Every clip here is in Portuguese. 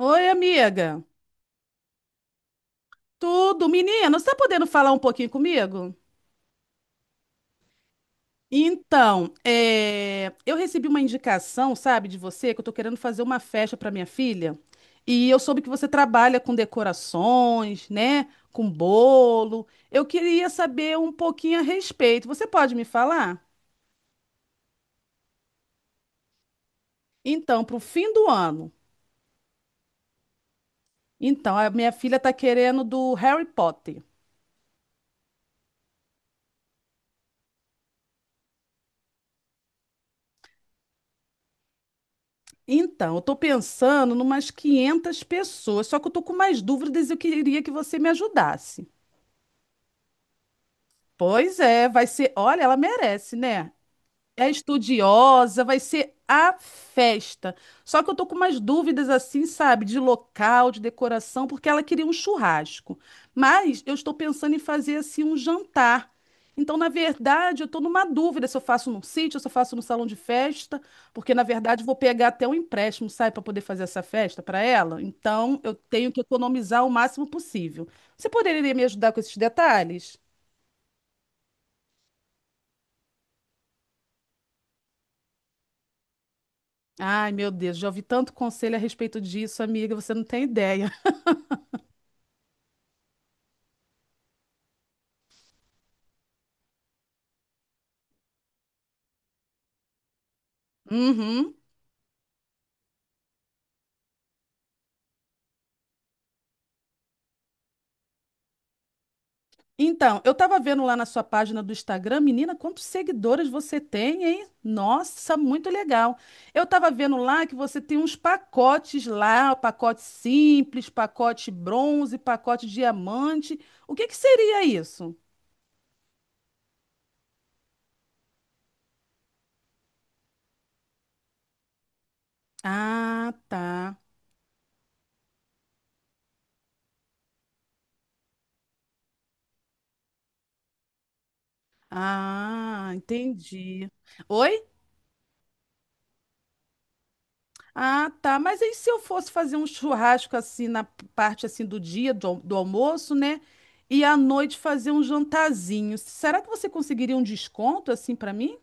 Oi, amiga. Tudo? Menina, você está podendo falar um pouquinho comigo? Então, eu recebi uma indicação, sabe, de você, que eu tô querendo fazer uma festa para minha filha. E eu soube que você trabalha com decorações, né? Com bolo. Eu queria saber um pouquinho a respeito. Você pode me falar? Então, para o fim do ano. Então, a minha filha tá querendo do Harry Potter. Então, eu tô pensando numas 500 pessoas, só que eu tô com mais dúvidas e eu queria que você me ajudasse. Pois é, vai ser. Olha, ela merece, né? É estudiosa, vai ser a festa. Só que eu tô com umas dúvidas assim, sabe, de local, de decoração, porque ela queria um churrasco. Mas eu estou pensando em fazer assim um jantar. Então, na verdade, eu tô numa dúvida se eu faço num sítio, se eu faço no salão de festa, porque na verdade eu vou pegar até um empréstimo, sabe, para poder fazer essa festa para ela. Então, eu tenho que economizar o máximo possível. Você poderia me ajudar com esses detalhes? Ai, meu Deus, já ouvi tanto conselho a respeito disso, amiga, você não tem ideia. Uhum. Então, eu tava vendo lá na sua página do Instagram, menina, quantos seguidores você tem, hein? Nossa, muito legal. Eu tava vendo lá que você tem uns pacotes lá, pacote simples, pacote bronze, pacote diamante. O que que seria isso? Ah, tá. Ah, entendi. Oi? Ah, tá. Mas aí se eu fosse fazer um churrasco assim na parte assim do dia do almoço, né? E à noite fazer um jantarzinho. Será que você conseguiria um desconto assim pra mim?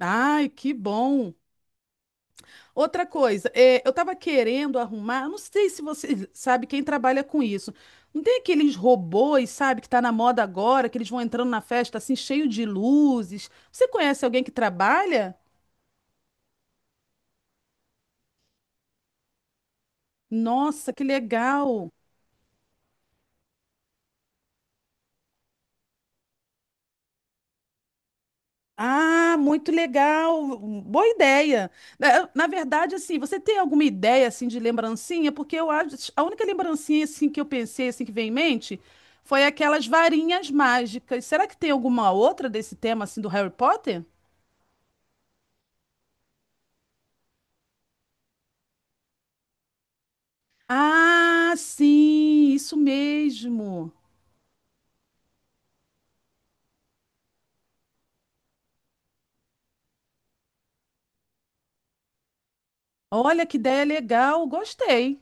Ai, que bom. Outra coisa, eu tava querendo arrumar, eu não sei se você sabe quem trabalha com isso. Não tem aqueles robôs, sabe, que tá na moda agora, que eles vão entrando na festa assim cheio de luzes. Você conhece alguém que trabalha? Nossa, que legal. Ah, muito legal, boa ideia. Na verdade, assim, você tem alguma ideia assim de lembrancinha? Porque eu acho, a única lembrancinha assim que eu pensei assim que vem em mente foi aquelas varinhas mágicas. Será que tem alguma outra desse tema assim do Harry Potter? Ah, sim, isso mesmo. Olha que ideia legal, gostei.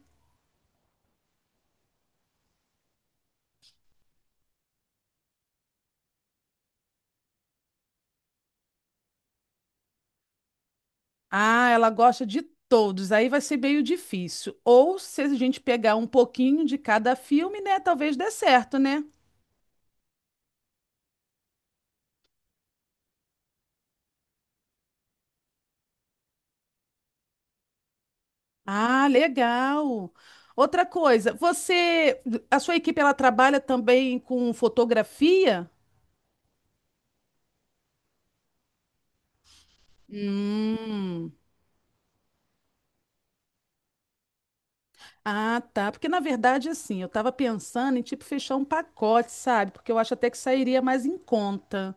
Ah, ela gosta de todos, aí vai ser meio difícil. Ou se a gente pegar um pouquinho de cada filme, né, talvez dê certo, né? Ah, legal. Outra coisa, você, a sua equipe ela trabalha também com fotografia? Hum. Ah, tá. Porque na verdade, assim, eu estava pensando em tipo fechar um pacote, sabe? Porque eu acho até que sairia mais em conta.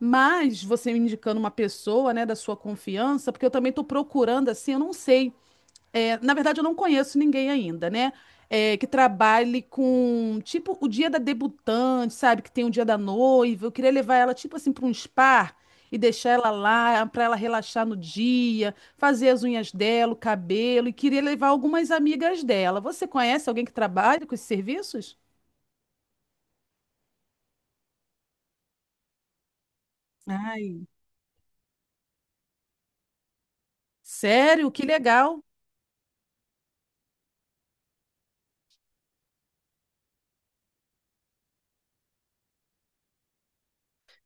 Mas você me indicando uma pessoa, né, da sua confiança, porque eu também estou procurando, assim, eu não sei. É, na verdade, eu não conheço ninguém ainda, né? É, que trabalhe com, tipo, o dia da debutante, sabe? Que tem o dia da noiva. Eu queria levar ela, tipo assim, para um spa e deixar ela lá para ela relaxar no dia, fazer as unhas dela, o cabelo. E queria levar algumas amigas dela. Você conhece alguém que trabalha com esses serviços? Ai, sério? Que legal.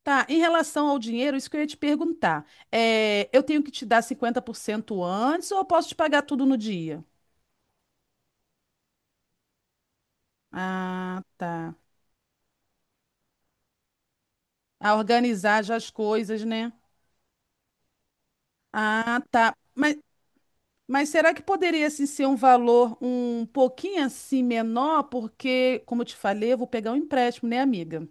Tá, em relação ao dinheiro, isso que eu ia te perguntar. É, eu tenho que te dar 50% antes ou eu posso te pagar tudo no dia? Ah, tá. A organizar já as coisas, né? Ah, tá. Mas será que poderia assim, ser um valor um pouquinho assim menor? Porque, como eu te falei, eu vou pegar um empréstimo, né, amiga?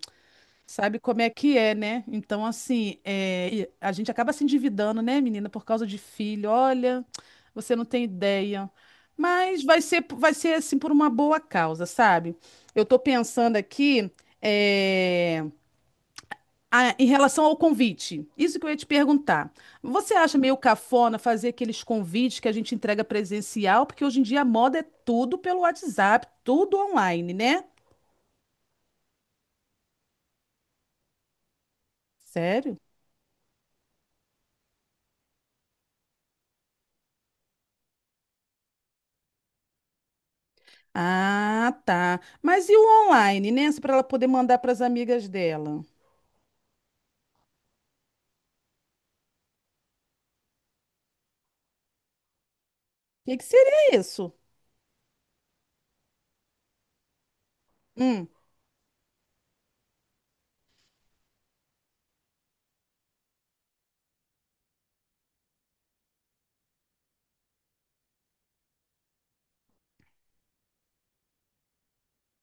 Sabe como é que é, né? Então, assim, é, e a gente acaba se endividando, né, menina, por causa de filho. Olha, você não tem ideia. Mas vai ser assim por uma boa causa, sabe? Eu tô pensando aqui. é, Ah, em relação ao convite, isso que eu ia te perguntar. Você acha meio cafona fazer aqueles convites que a gente entrega presencial? Porque hoje em dia a moda é tudo pelo WhatsApp, tudo online, né? Sério? Ah, tá. Mas e o online, né? Para ela poder mandar para as amigas dela. O que que seria isso? Hum.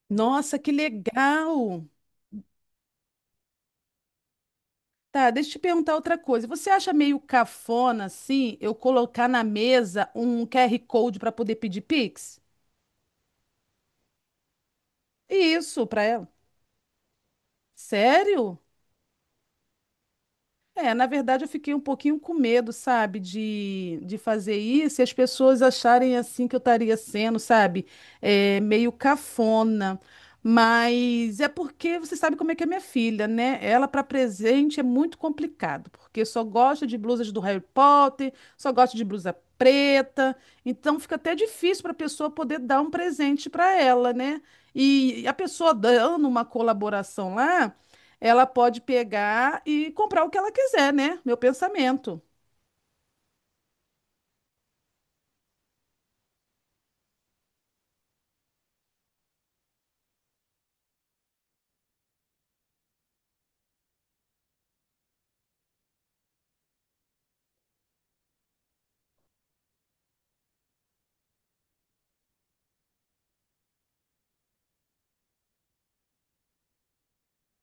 Nossa, que legal! Tá, deixa eu te perguntar outra coisa. Você acha meio cafona, assim, eu colocar na mesa um QR Code para poder pedir Pix? Isso, para ela. Sério? É, na verdade eu fiquei um pouquinho com medo, sabe, de fazer isso e as pessoas acharem assim que eu estaria sendo, sabe, meio cafona. Mas é porque você sabe como é que é minha filha, né? Ela para presente é muito complicado, porque só gosta de blusas do Harry Potter, só gosta de blusa preta, então fica até difícil para a pessoa poder dar um presente para ela, né? E a pessoa dando uma colaboração lá ela pode pegar e comprar o que ela quiser, né? Meu pensamento.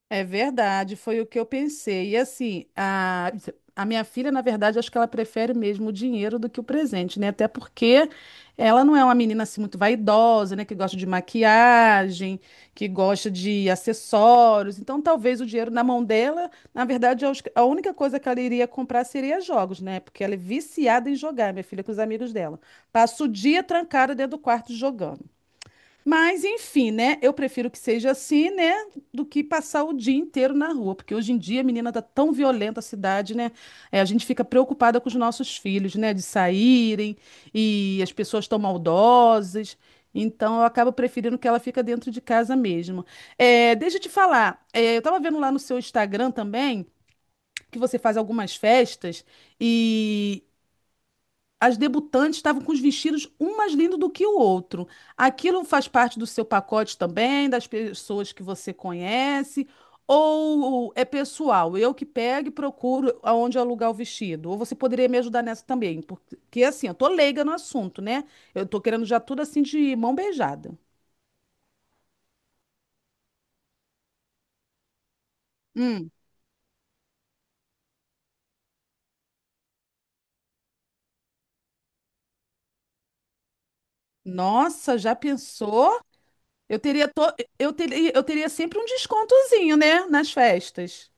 É verdade, foi o que eu pensei. E assim, a minha filha, na verdade, acho que ela prefere mesmo o dinheiro do que o presente, né? Até porque ela não é uma menina assim muito vaidosa, né? Que gosta de maquiagem, que gosta de acessórios. Então, talvez o dinheiro na mão dela, na verdade, eu acho que a única coisa que ela iria comprar seria jogos, né? Porque ela é viciada em jogar, minha filha, com os amigos dela. Passa o dia trancada dentro do quarto jogando. Mas, enfim, né? Eu prefiro que seja assim, né? Do que passar o dia inteiro na rua. Porque hoje em dia, menina, tá tão violenta a cidade, né? É, a gente fica preocupada com os nossos filhos, né? De saírem e as pessoas tão maldosas. Então, eu acabo preferindo que ela fica dentro de casa mesmo. É, deixa eu te falar. Eu tava vendo lá no seu Instagram também que você faz algumas festas as debutantes estavam com os vestidos um mais lindo do que o outro. Aquilo faz parte do seu pacote também, das pessoas que você conhece, ou é pessoal, eu que pego e procuro aonde alugar o vestido. Ou você poderia me ajudar nessa também, porque assim, eu tô leiga no assunto, né? Eu tô querendo já tudo assim de mão beijada. Hum. Nossa, já pensou? Eu teria, to... eu teria sempre um descontozinho, né, nas festas.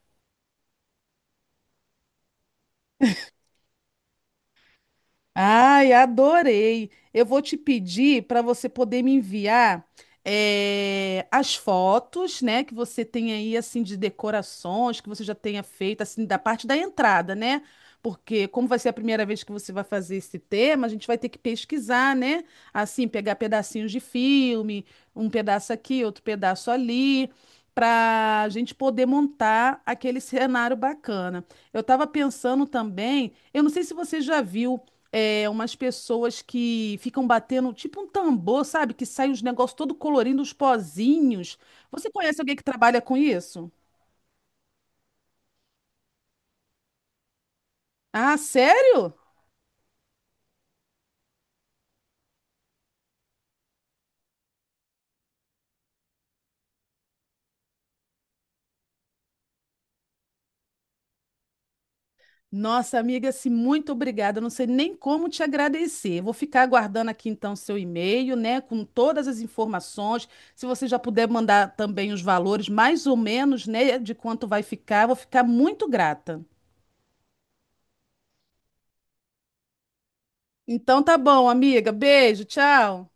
Ai, adorei. Eu vou te pedir para você poder me enviar as fotos, né, que você tem aí assim de decorações que você já tenha feito assim da parte da entrada, né? Porque como vai ser a primeira vez que você vai fazer esse tema, a gente vai ter que pesquisar, né? Assim, pegar pedacinhos de filme, um pedaço aqui, outro pedaço ali, para a gente poder montar aquele cenário bacana. Eu estava pensando também, eu não sei se você já viu umas pessoas que ficam batendo, tipo um tambor, sabe? Que sai uns negócios todo colorindo, uns pozinhos. Você conhece alguém que trabalha com isso? Ah, sério? Nossa, amiga, assim, muito obrigada. Eu Não sei nem como te agradecer. Vou ficar aguardando aqui então seu e-mail, né, com todas as informações. Se você já puder mandar também os valores, mais ou menos, né, de quanto vai ficar, eu vou ficar muito grata. Então tá bom, amiga. Beijo, tchau.